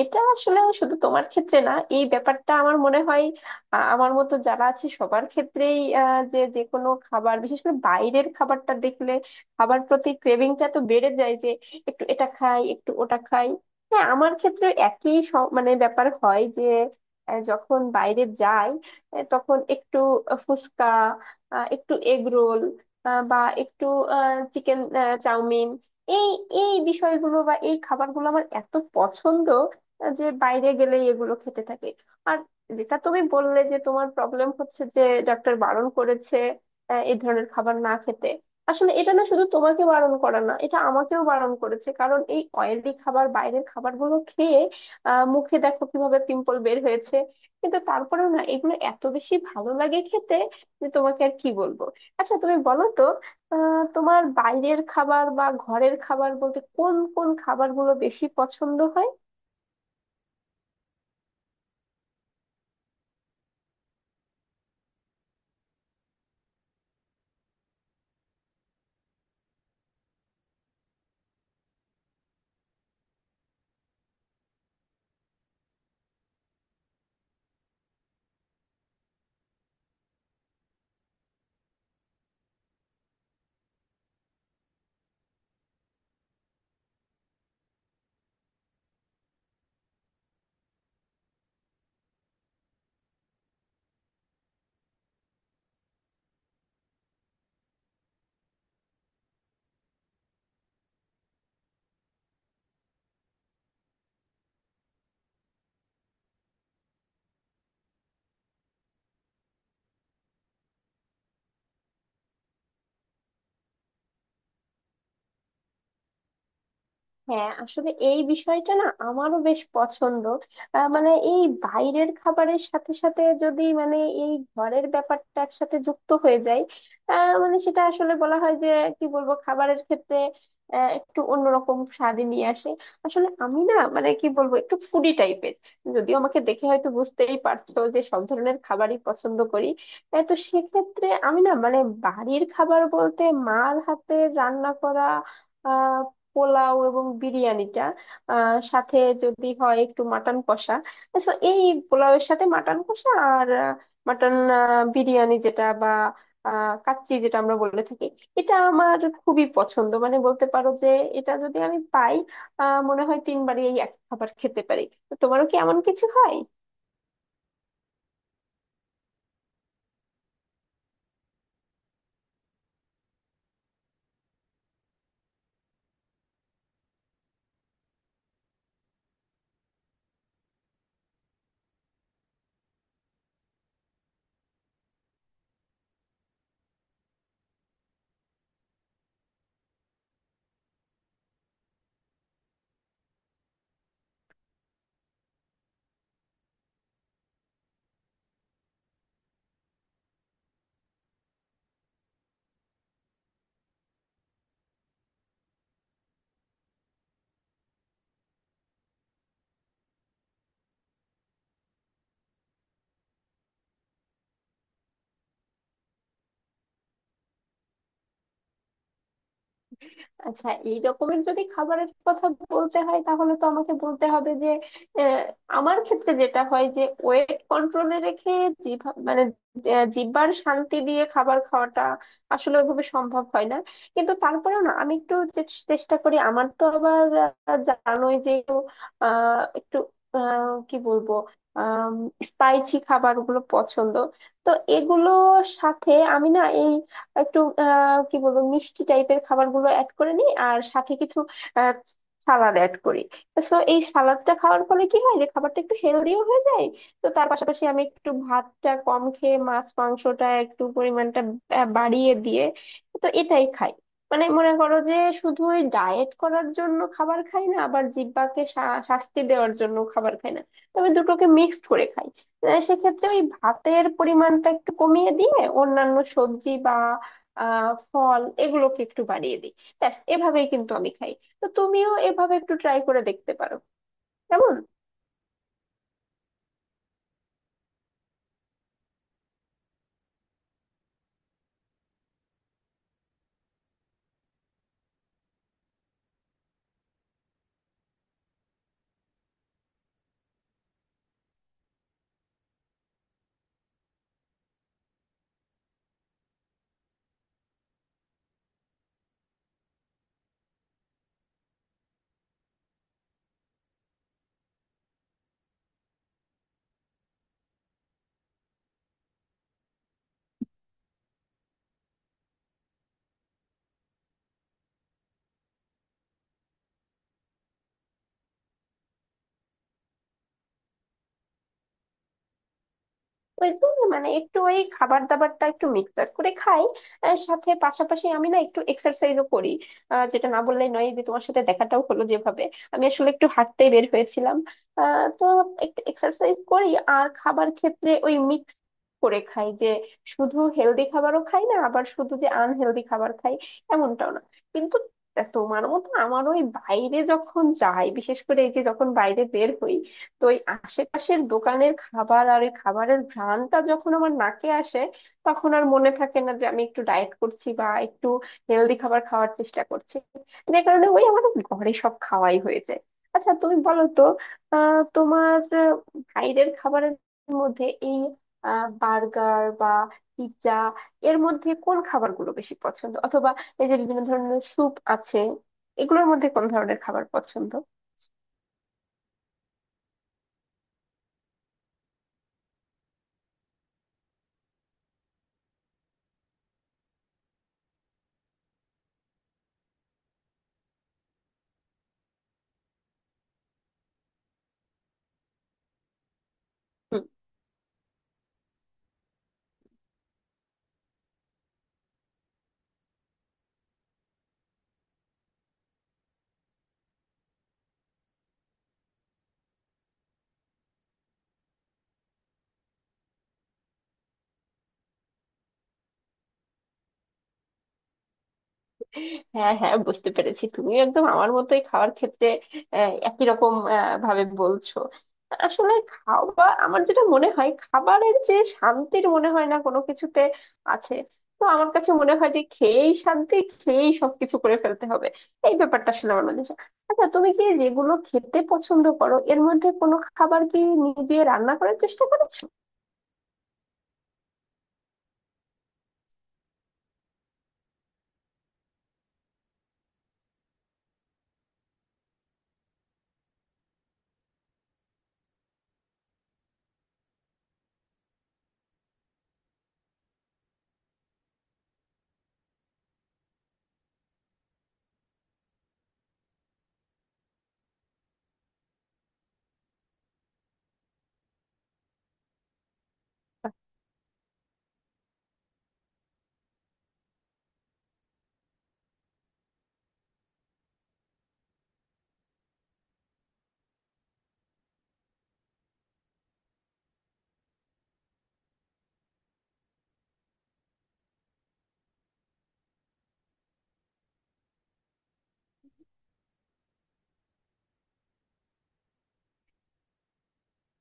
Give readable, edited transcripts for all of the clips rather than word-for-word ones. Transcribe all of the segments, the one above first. এটা আসলে শুধু তোমার ক্ষেত্রে না, এই ব্যাপারটা আমার মনে হয় আমার মতো যারা আছে সবার ক্ষেত্রেই যে যে কোনো খাবার, বিশেষ করে বাইরের খাবারটা দেখলে খাবার প্রতি ক্রেভিংটা তো বেড়ে যায় যে একটু এটা খাই একটু ওটা খাই। হ্যাঁ, আমার ক্ষেত্রে একই মানে ব্যাপার হয় যে যখন বাইরে যাই তখন একটু ফুচকা, একটু এগ রোল বা একটু চিকেন চাউমিন, এই এই বিষয়গুলো বা এই খাবারগুলো আমার এত পছন্দ যে বাইরে গেলেই এগুলো খেতে থাকে। আর যেটা তুমি বললে যে তোমার প্রবলেম হচ্ছে যে ডাক্তার বারণ করেছে এই ধরনের খাবার না খেতে, আসলে এটা না শুধু তোমাকে বারণ করা, না এটা আমাকেও বারণ করেছে, কারণ এই অয়েলি খাবার বাইরের খাবারগুলো খেয়ে মুখে দেখো কিভাবে পিম্পল বের হয়েছে। কিন্তু তারপরেও না, এগুলো এত বেশি ভালো লাগে খেতে যে তোমাকে আর কি বলবো। আচ্ছা তুমি বলো তো, তোমার বাইরের খাবার বা ঘরের খাবার বলতে কোন কোন খাবারগুলো বেশি পছন্দ হয়? হ্যাঁ, আসলে এই বিষয়টা না আমারও বেশ পছন্দ। মানে এই বাইরের খাবারের সাথে সাথে যদি মানে এই ঘরের ব্যাপারটা একসাথে যুক্ত হয়ে যায়, মানে সেটা আসলে বলা হয় যে, কি বলবো, খাবারের ক্ষেত্রে একটু অন্যরকম স্বাদই নিয়ে আসে। আসলে আমি না মানে কি বলবো একটু ফুডি টাইপের, যদিও আমাকে দেখে হয়তো বুঝতেই পারছো যে সব ধরনের খাবারই পছন্দ করি। তো সেক্ষেত্রে আমি না মানে বাড়ির খাবার বলতে মার হাতে রান্না করা পোলাও এবং বিরিয়ানিটা, সাথে যদি হয় একটু মাটন কষা, তো এই পোলাওয়ের সাথে মাটন কষা, আর মাটন বিরিয়ানি যেটা বা কাচ্চি যেটা আমরা বলে থাকি, এটা আমার খুবই পছন্দ। মানে বলতে পারো যে এটা যদি আমি পাই, মনে হয় তিনবারই এই এক খাবার খেতে পারি। তো তোমারও কি এমন কিছু হয়? আচ্ছা এই রকমের যদি খাবারের কথা বলতে হয়, তাহলে তো আমাকে বলতে হবে যে আহ, আমার ক্ষেত্রে যেটা হয় যে ওয়েট কন্ট্রোলে রেখে জিভ মানে জিহ্বার শান্তি দিয়ে খাবার খাওয়াটা আসলে ওইভাবে সম্ভব হয় না। কিন্তু তারপরেও না, আমি একটু চেষ্টা করি। আমার তো আবার জানোই যে একটু একটু কি বলবো স্পাইসি খাবার গুলো পছন্দ, তো এগুলোর সাথে আমি না এই একটু কি বলবো মিষ্টি টাইপের খাবারগুলো অ্যাড করে নিই, আর সাথে কিছু আহ সালাদ অ্যাড করি। তো এই সালাদটা খাওয়ার ফলে কি হয় যে খাবারটা একটু হেলদিও হয়ে যায়। তো তার পাশাপাশি আমি একটু ভাতটা কম খেয়ে মাছ মাংসটা একটু পরিমাণটা বাড়িয়ে দিয়ে, তো এটাই খাই। মানে মনে করো যে শুধু ওই ডায়েট করার জন্য খাবার খাই না, আবার জিহ্বাকে শাস্তি দেওয়ার জন্য খাবার খাই না, তবে দুটোকে মিক্সড করে খাই। সেক্ষেত্রে ওই ভাতের পরিমাণটা একটু কমিয়ে দিয়ে অন্যান্য সবজি বা আহ ফল এগুলোকে একটু বাড়িয়ে দিই। ব্যাস, এভাবেই কিন্তু আমি খাই। তো তুমিও এভাবে একটু ট্রাই করে দেখতে পারো, কেমন? ওই তো, মানে একটু ওই খাবার দাবারটা একটু মিক্স আপ করে খাই। সাথে পাশাপাশি আমি না একটু এক্সারসাইজও করি। যেটা না বললেই নয়, এই যে তোমার সাথে দেখাটাও হলো যেভাবে, আমি আসলে একটু হাঁটতে বের হয়েছিলাম। তো একটু এক্সারসাইজ করি, আর খাবার ক্ষেত্রে ওই মিক্স করে খাই যে শুধু হেলদি খাবারও খাই না, আবার শুধু যে আনহেলদি খাবার খাই এমনটাও না। কিন্তু তোমার মতো আমারও ওই বাইরে যখন যাই, বিশেষ করে এই যে যখন বাইরে বের হই, তো এই আশেপাশের দোকানের খাবার আর ওই খাবারের ঘ্রাণটা যখন আমার নাকে আসে, তখন আর মনে থাকে না যে আমি একটু ডায়েট করছি বা একটু হেলদি খাবার খাওয়ার চেষ্টা করছি। যে কারণে ওই আমাদের ঘরে সব খাওয়াই হয়ে যায়। আচ্ছা তুমি বলো তো, তোমার বাইরের খাবারের মধ্যে এই বার্গার বা পিৎজা, এর মধ্যে কোন খাবারগুলো বেশি পছন্দ, অথবা এই যে বিভিন্ন ধরনের স্যুপ আছে, এগুলোর মধ্যে কোন ধরনের খাবার পছন্দ? হ্যাঁ হ্যাঁ, বুঝতে পেরেছি। তুমি একদম আমার মতোই খাওয়ার ক্ষেত্রে একই রকম ভাবে বলছো। আসলে খাওয়া আমার যেটা মনে হয়, খাবারের যে শান্তির মনে হয় না কোনো কিছুতে আছে। তো আমার কাছে মনে হয় যে খেয়েই শান্তি, খেয়েই সবকিছু করে ফেলতে হবে, এই ব্যাপারটা আসলে আমার মধ্যে আছে। আচ্ছা তুমি কি যেগুলো খেতে পছন্দ করো এর মধ্যে কোনো খাবার কি নিজে রান্না করার চেষ্টা করেছো?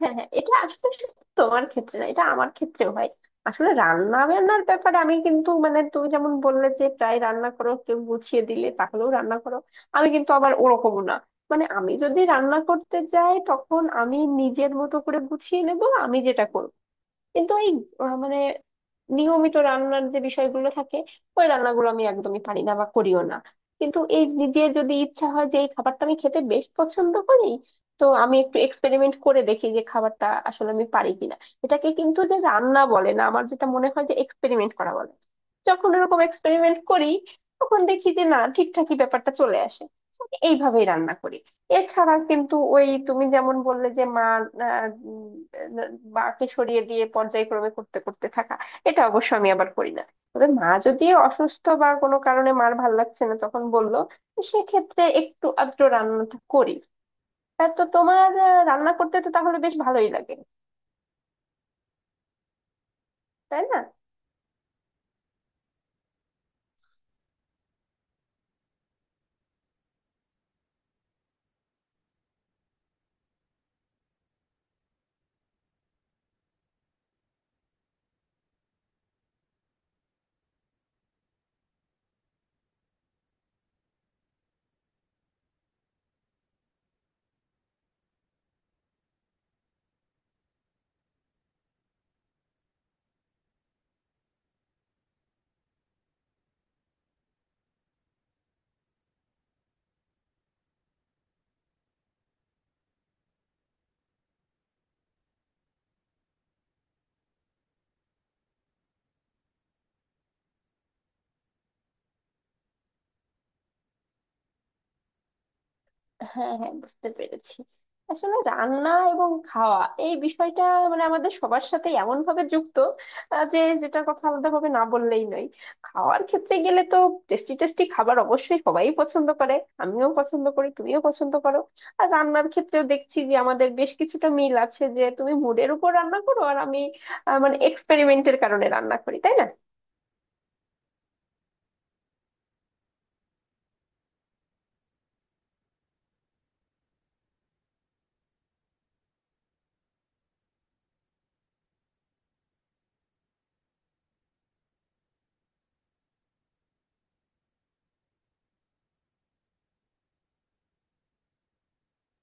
হ্যাঁ হ্যাঁ, এটা আসলে শুধু তোমার ক্ষেত্রে না, এটা আমার ক্ষেত্রেও হয়। আসলে রান্না বান্নার ব্যাপারে আমি কিন্তু, মানে তুমি যেমন বললে যে প্রায় রান্না করো, কেউ গুছিয়ে দিলে তাহলেও রান্না করো, আমি কিন্তু আবার ওরকমও না। মানে আমি যদি রান্না করতে যাই তখন আমি নিজের মতো করে গুছিয়ে নেব, আমি যেটা করব। কিন্তু এই মানে নিয়মিত রান্নার যে বিষয়গুলো থাকে, ওই রান্নাগুলো আমি একদমই পারি না বা করিও না। কিন্তু এই নিজের যদি ইচ্ছা হয় যে এই খাবারটা আমি খেতে বেশ পছন্দ করি, তো আমি একটু এক্সপেরিমেন্ট করে দেখি যে খাবারটা আসলে আমি পারি কিনা। এটাকে কিন্তু যে রান্না বলে না, আমার যেটা মনে হয় যে এক্সপেরিমেন্ট করা বলে। যখন এরকম এক্সপেরিমেন্ট করি, তখন দেখি যে না, ঠিকঠাকই ব্যাপারটা চলে আসে। তো আমি এইভাবেই রান্না করি। এছাড়া কিন্তু ওই তুমি যেমন বললে যে মা আহ, উম, আহ, মাকে সরিয়ে দিয়ে পর্যায়ক্রমে করতে করতে থাকা, এটা অবশ্য আমি আবার করি না। তবে মা যদি অসুস্থ বা কোনো কারণে মার ভাল লাগছে না তখন বললো, সেক্ষেত্রে একটু আধটু রান্নাটা করি। তা তো তোমার রান্না করতে তো তাহলে বেশ ভালোই লাগে, তাই না? হ্যাঁ হ্যাঁ, বুঝতে পেরেছি। আসলে রান্না এবং খাওয়া এই বিষয়টা, মানে আমাদের সবার সাথে এমন ভাবে যুক্ত যে যেটা কথা আলাদা ভাবে না বললেই নয়। খাওয়ার ক্ষেত্রে গেলে তো টেস্টি টেস্টি খাবার অবশ্যই সবাই পছন্দ করে, আমিও পছন্দ করি, তুমিও পছন্দ করো। আর রান্নার ক্ষেত্রেও দেখছি যে আমাদের বেশ কিছুটা মিল আছে, যে তুমি মুডের উপর রান্না করো আর আমি মানে এক্সপেরিমেন্টের কারণে রান্না করি, তাই না?